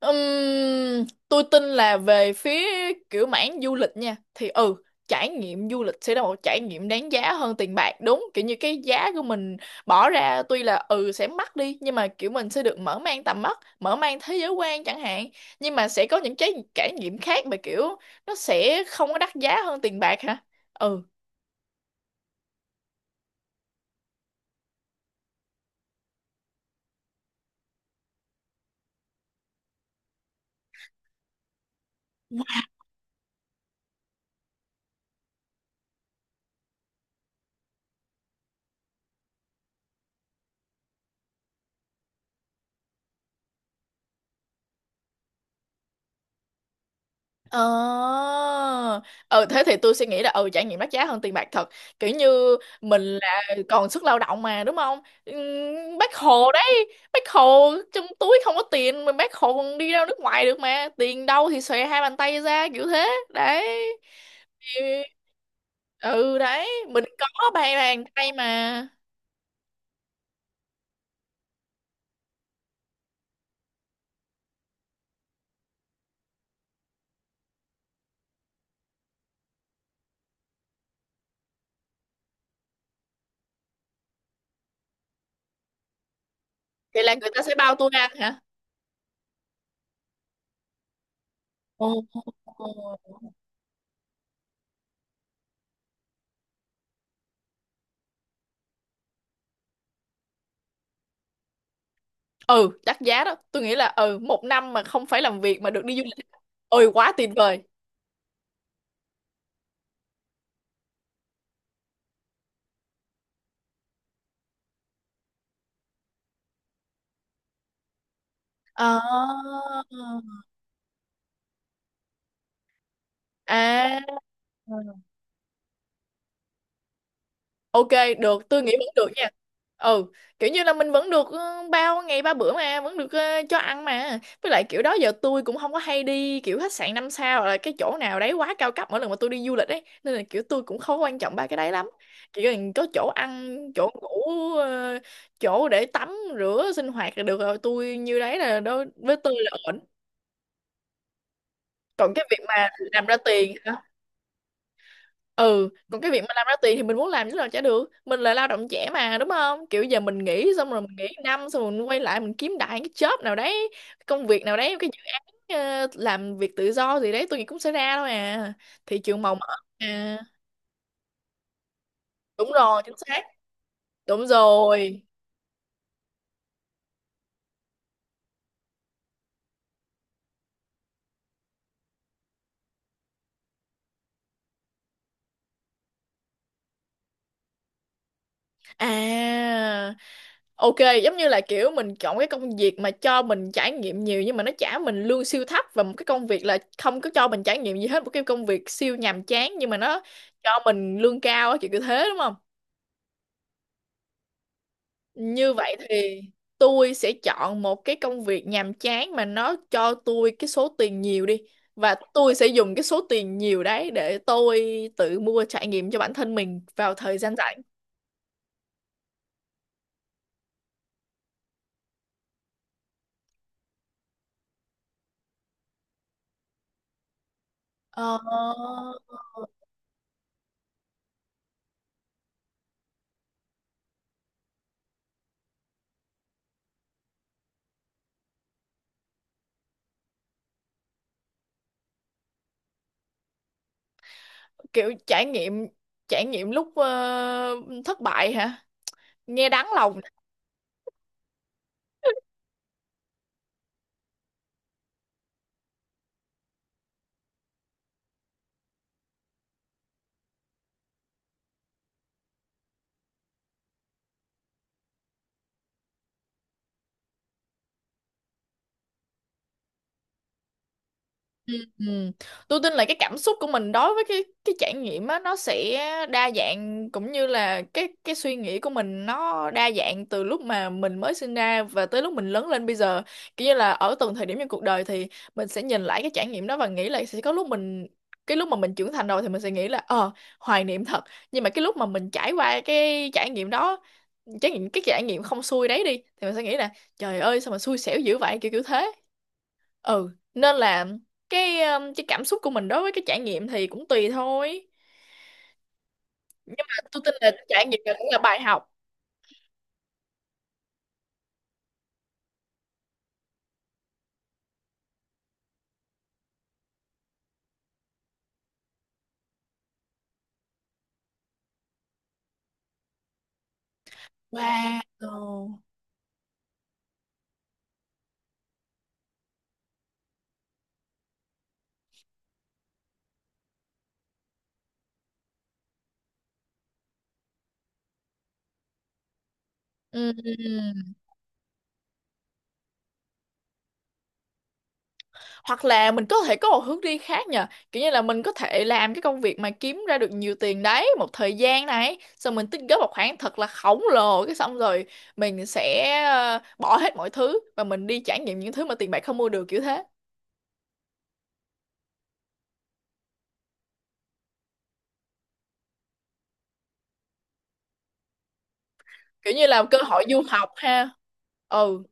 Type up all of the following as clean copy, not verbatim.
Tôi tin là về phía kiểu mảng du lịch nha thì trải nghiệm du lịch sẽ là một trải nghiệm đáng giá hơn tiền bạc, đúng kiểu như cái giá của mình bỏ ra tuy là sẽ mắc đi, nhưng mà kiểu mình sẽ được mở mang tầm mắt, mở mang thế giới quan chẳng hạn. Nhưng mà sẽ có những cái trải nghiệm khác mà kiểu nó sẽ không có đắt giá hơn tiền bạc hả? ừ Ờ Thế thì tôi suy nghĩ là trải nghiệm đắt giá hơn tiền bạc thật. Kiểu như mình là còn sức lao động mà, đúng không? Bác Hồ đấy, bác Hồ trong túi không có tiền mà bác Hồ còn đi ra nước ngoài được mà, tiền đâu thì xòe hai bàn tay ra kiểu thế đấy. Ừ, ừ, đấy mình có ba bàn tay mà. Vậy là người ta sẽ bao tôi ăn hả? Ồ. ừ Đắt giá đó, tôi nghĩ là một năm mà không phải làm việc mà được đi du lịch, ôi quá tuyệt vời. Ờ. À, ok, được, tôi nghĩ vẫn được nha. Ừ, kiểu như là mình vẫn được, bao ngày ba bữa mà, vẫn được, cho ăn mà. Với lại kiểu đó giờ tôi cũng không có hay đi kiểu khách sạn năm sao hoặc là cái chỗ nào đấy quá cao cấp mỗi lần mà tôi đi du lịch ấy, nên là kiểu tôi cũng không quan trọng ba cái đấy lắm. Chỉ cần có chỗ ăn, chỗ ngủ, ờ, chỗ để tắm, rửa, sinh hoạt là được rồi. Tôi như đấy, là đối với tôi là ổn. Còn cái việc mà làm ra tiền ừ Còn cái việc mà làm ra tiền thì mình muốn làm chứ làm chả được, mình là lao động trẻ mà, đúng không? Kiểu giờ mình nghỉ xong rồi, mình nghỉ năm xong rồi mình quay lại mình kiếm đại cái job nào đấy, công việc nào đấy, cái dự án, làm việc tự do gì đấy, tôi nghĩ cũng sẽ ra thôi à, thị trường màu mỡ à đúng rồi chính xác đúng rồi à. Ok, giống như là kiểu mình chọn cái công việc mà cho mình trải nghiệm nhiều nhưng mà nó trả mình lương siêu thấp, và một cái công việc là không có cho mình trải nghiệm gì hết, một cái công việc siêu nhàm chán nhưng mà nó cho mình lương cao á, kiểu kiểu thế đúng không? Như vậy thì tôi sẽ chọn một cái công việc nhàm chán mà nó cho tôi cái số tiền nhiều đi, và tôi sẽ dùng cái số tiền nhiều đấy để tôi tự mua trải nghiệm cho bản thân mình vào thời gian rảnh. Ờ. Kiểu trải nghiệm, lúc thất bại hả? Nghe đáng lòng. Ừ. Tôi tin là cái cảm xúc của mình đối với cái trải nghiệm á, nó sẽ đa dạng cũng như là cái suy nghĩ của mình nó đa dạng từ lúc mà mình mới sinh ra và tới lúc mình lớn lên bây giờ, kiểu như là ở từng thời điểm trong cuộc đời thì mình sẽ nhìn lại cái trải nghiệm đó và nghĩ là sẽ có lúc mình cái lúc mà mình trưởng thành rồi thì mình sẽ nghĩ là hoài niệm thật. Nhưng mà cái lúc mà mình trải qua cái trải nghiệm đó, trải nghiệm cái trải nghiệm không xui đấy đi thì mình sẽ nghĩ là trời ơi sao mà xui xẻo dữ vậy, kiểu kiểu thế. Nên là cái cảm xúc của mình đối với cái trải nghiệm thì cũng tùy thôi. Nhưng mà tôi tin là trải nghiệm này cũng là bài học. Wow. Ừm. Hoặc là mình có thể có một hướng đi khác nhờ. Kiểu như là mình có thể làm cái công việc mà kiếm ra được nhiều tiền đấy một thời gian này, xong mình tích góp một khoản thật là khổng lồ, cái xong rồi mình sẽ, bỏ hết mọi thứ và mình đi trải nghiệm những thứ mà tiền bạc không mua được, kiểu thế. Kiểu như là cơ hội du học ha. Ừ.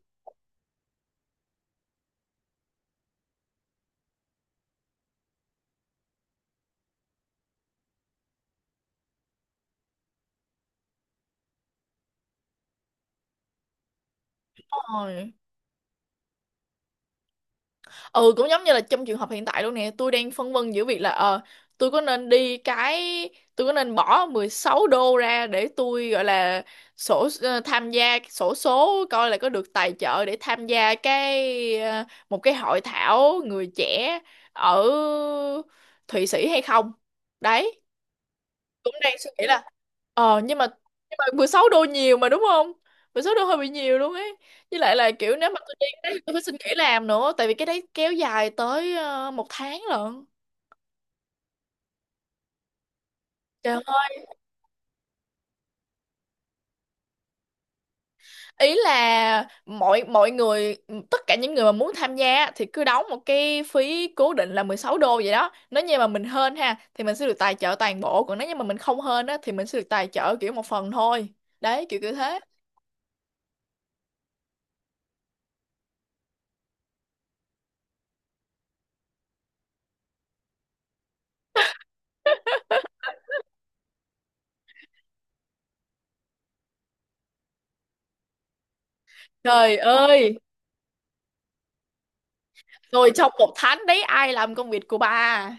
Đúng rồi. Ừ Cũng giống như là trong trường hợp hiện tại luôn nè, tôi đang phân vân giữa việc là tôi có nên đi cái tôi có nên bỏ 16 đô ra để tôi gọi là tham gia sổ số coi là có được tài trợ để tham gia một cái hội thảo người trẻ ở Thụy Sĩ hay không đấy, cũng đang suy nghĩ là. Ờ nhưng mà nhưng mà 16 đô nhiều mà, đúng không? 16 đô hơi bị nhiều luôn ấy. Với lại là kiểu nếu mà tôi đi cái đấy tôi phải xin nghỉ làm nữa, tại vì cái đấy kéo dài tới, một tháng lận. Trời ơi, ý là mọi mọi người tất cả những người mà muốn tham gia thì cứ đóng một cái phí cố định là 16 đô vậy đó. Nếu như mà mình hên ha thì mình sẽ được tài trợ toàn bộ, còn nếu như mà mình không hên á thì mình sẽ được tài trợ kiểu một phần thôi. Đấy, kiểu kiểu thế. Trời ơi, rồi trong một tháng đấy ai làm công việc của bà?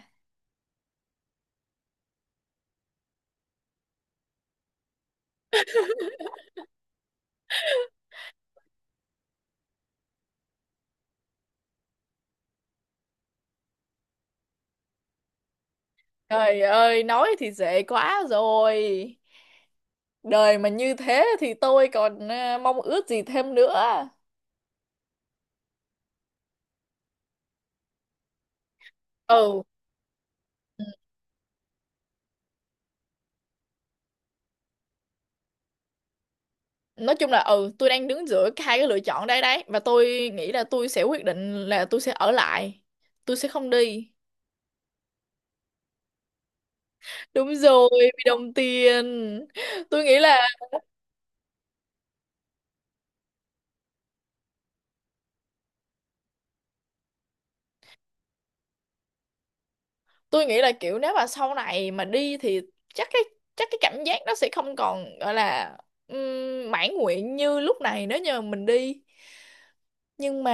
Trời ơi, nói thì dễ quá rồi. Đời mà như thế thì tôi còn, mong ước gì thêm nữa. Ừ, nói chung là, tôi đang đứng giữa hai cái lựa chọn đây đấy, và tôi nghĩ là tôi sẽ quyết định là tôi sẽ ở lại. Tôi sẽ không đi. Đúng rồi, vì đồng tiền. Tôi nghĩ là tôi nghĩ là kiểu nếu mà sau này mà đi thì chắc cái chắc cái cảm giác nó sẽ không còn gọi là, mãn nguyện như lúc này nếu như mình đi. Nhưng mà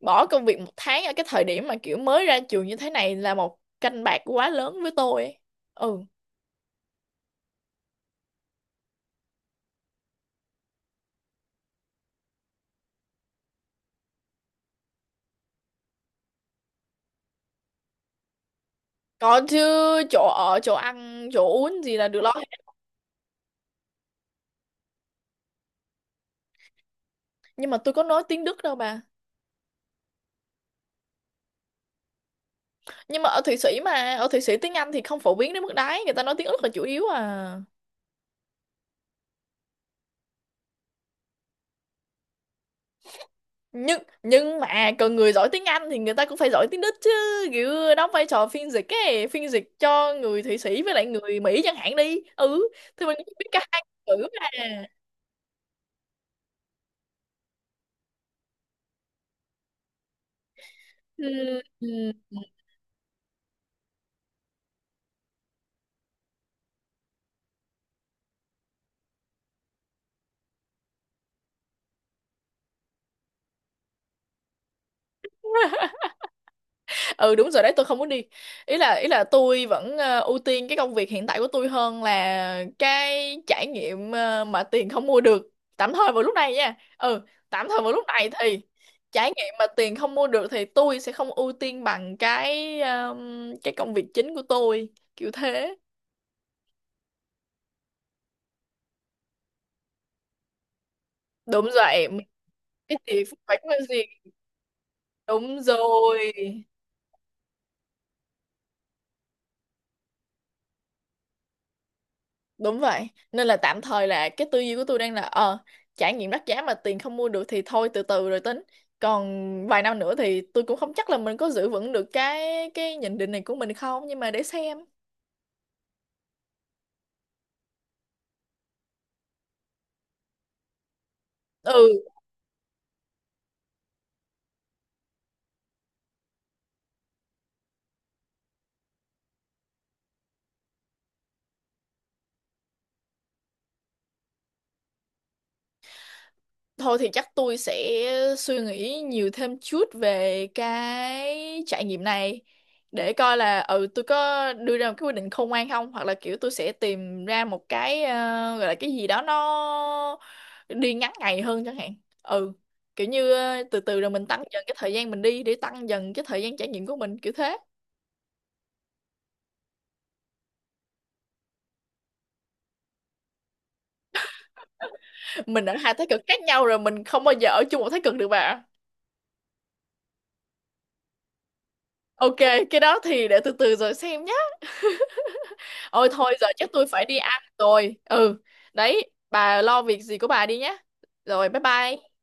bỏ công việc một tháng ở cái thời điểm mà kiểu mới ra trường như thế này là một canh bạc quá lớn với tôi ấy. Ừ, còn chứ, chỗ ở chỗ ăn chỗ uống gì là được lo hết. Nhưng mà tôi có nói tiếng Đức đâu bà. Nhưng mà ở Thụy Sĩ tiếng Anh thì không phổ biến đến mức đấy, người ta nói tiếng Đức là chủ yếu à. Nhưng mà cần người giỏi tiếng Anh thì người ta cũng phải giỏi tiếng Đức chứ. Kiểu đóng vai trò phiên dịch ấy, phiên dịch cho người Thụy Sĩ với lại người Mỹ chẳng hạn đi. Ừ thì mình biết cả hai ngữ mà. Ừ. Ừ. Ừ, đúng rồi đấy, tôi không muốn đi. Ý là tôi vẫn, ưu tiên cái công việc hiện tại của tôi hơn là cái trải nghiệm, mà tiền không mua được tạm thời vào lúc này nha tạm thời vào lúc này thì trải nghiệm mà tiền không mua được thì tôi sẽ không ưu tiên bằng cái công việc chính của tôi, kiểu thế. Đúng rồi. Cái tiền phải có gì. Đúng rồi. Đúng vậy, nên là tạm thời là cái tư duy của tôi đang là, trải nghiệm đắt giá mà tiền không mua được thì thôi, từ từ rồi tính. Còn vài năm nữa thì tôi cũng không chắc là mình có giữ vững được cái nhận định này của mình không, nhưng mà để xem. Ừ. Thôi thì chắc tôi sẽ suy nghĩ nhiều thêm chút về cái trải nghiệm này, để coi là tôi có đưa ra một cái quyết định khôn ngoan không, hoặc là kiểu tôi sẽ tìm ra một gọi là cái gì đó nó đi ngắn ngày hơn chẳng hạn. Ừ, kiểu như, từ từ rồi mình tăng dần cái thời gian mình đi để tăng dần cái thời gian trải nghiệm của mình, kiểu thế. Mình ở hai thái cực khác nhau rồi, mình không bao giờ ở chung một thái cực được bà. Ok, cái đó thì để từ từ rồi xem nhé. Ôi thôi giờ chắc tôi phải đi ăn rồi. Ừ, đấy, bà lo việc gì của bà đi nhé. Rồi bye bye.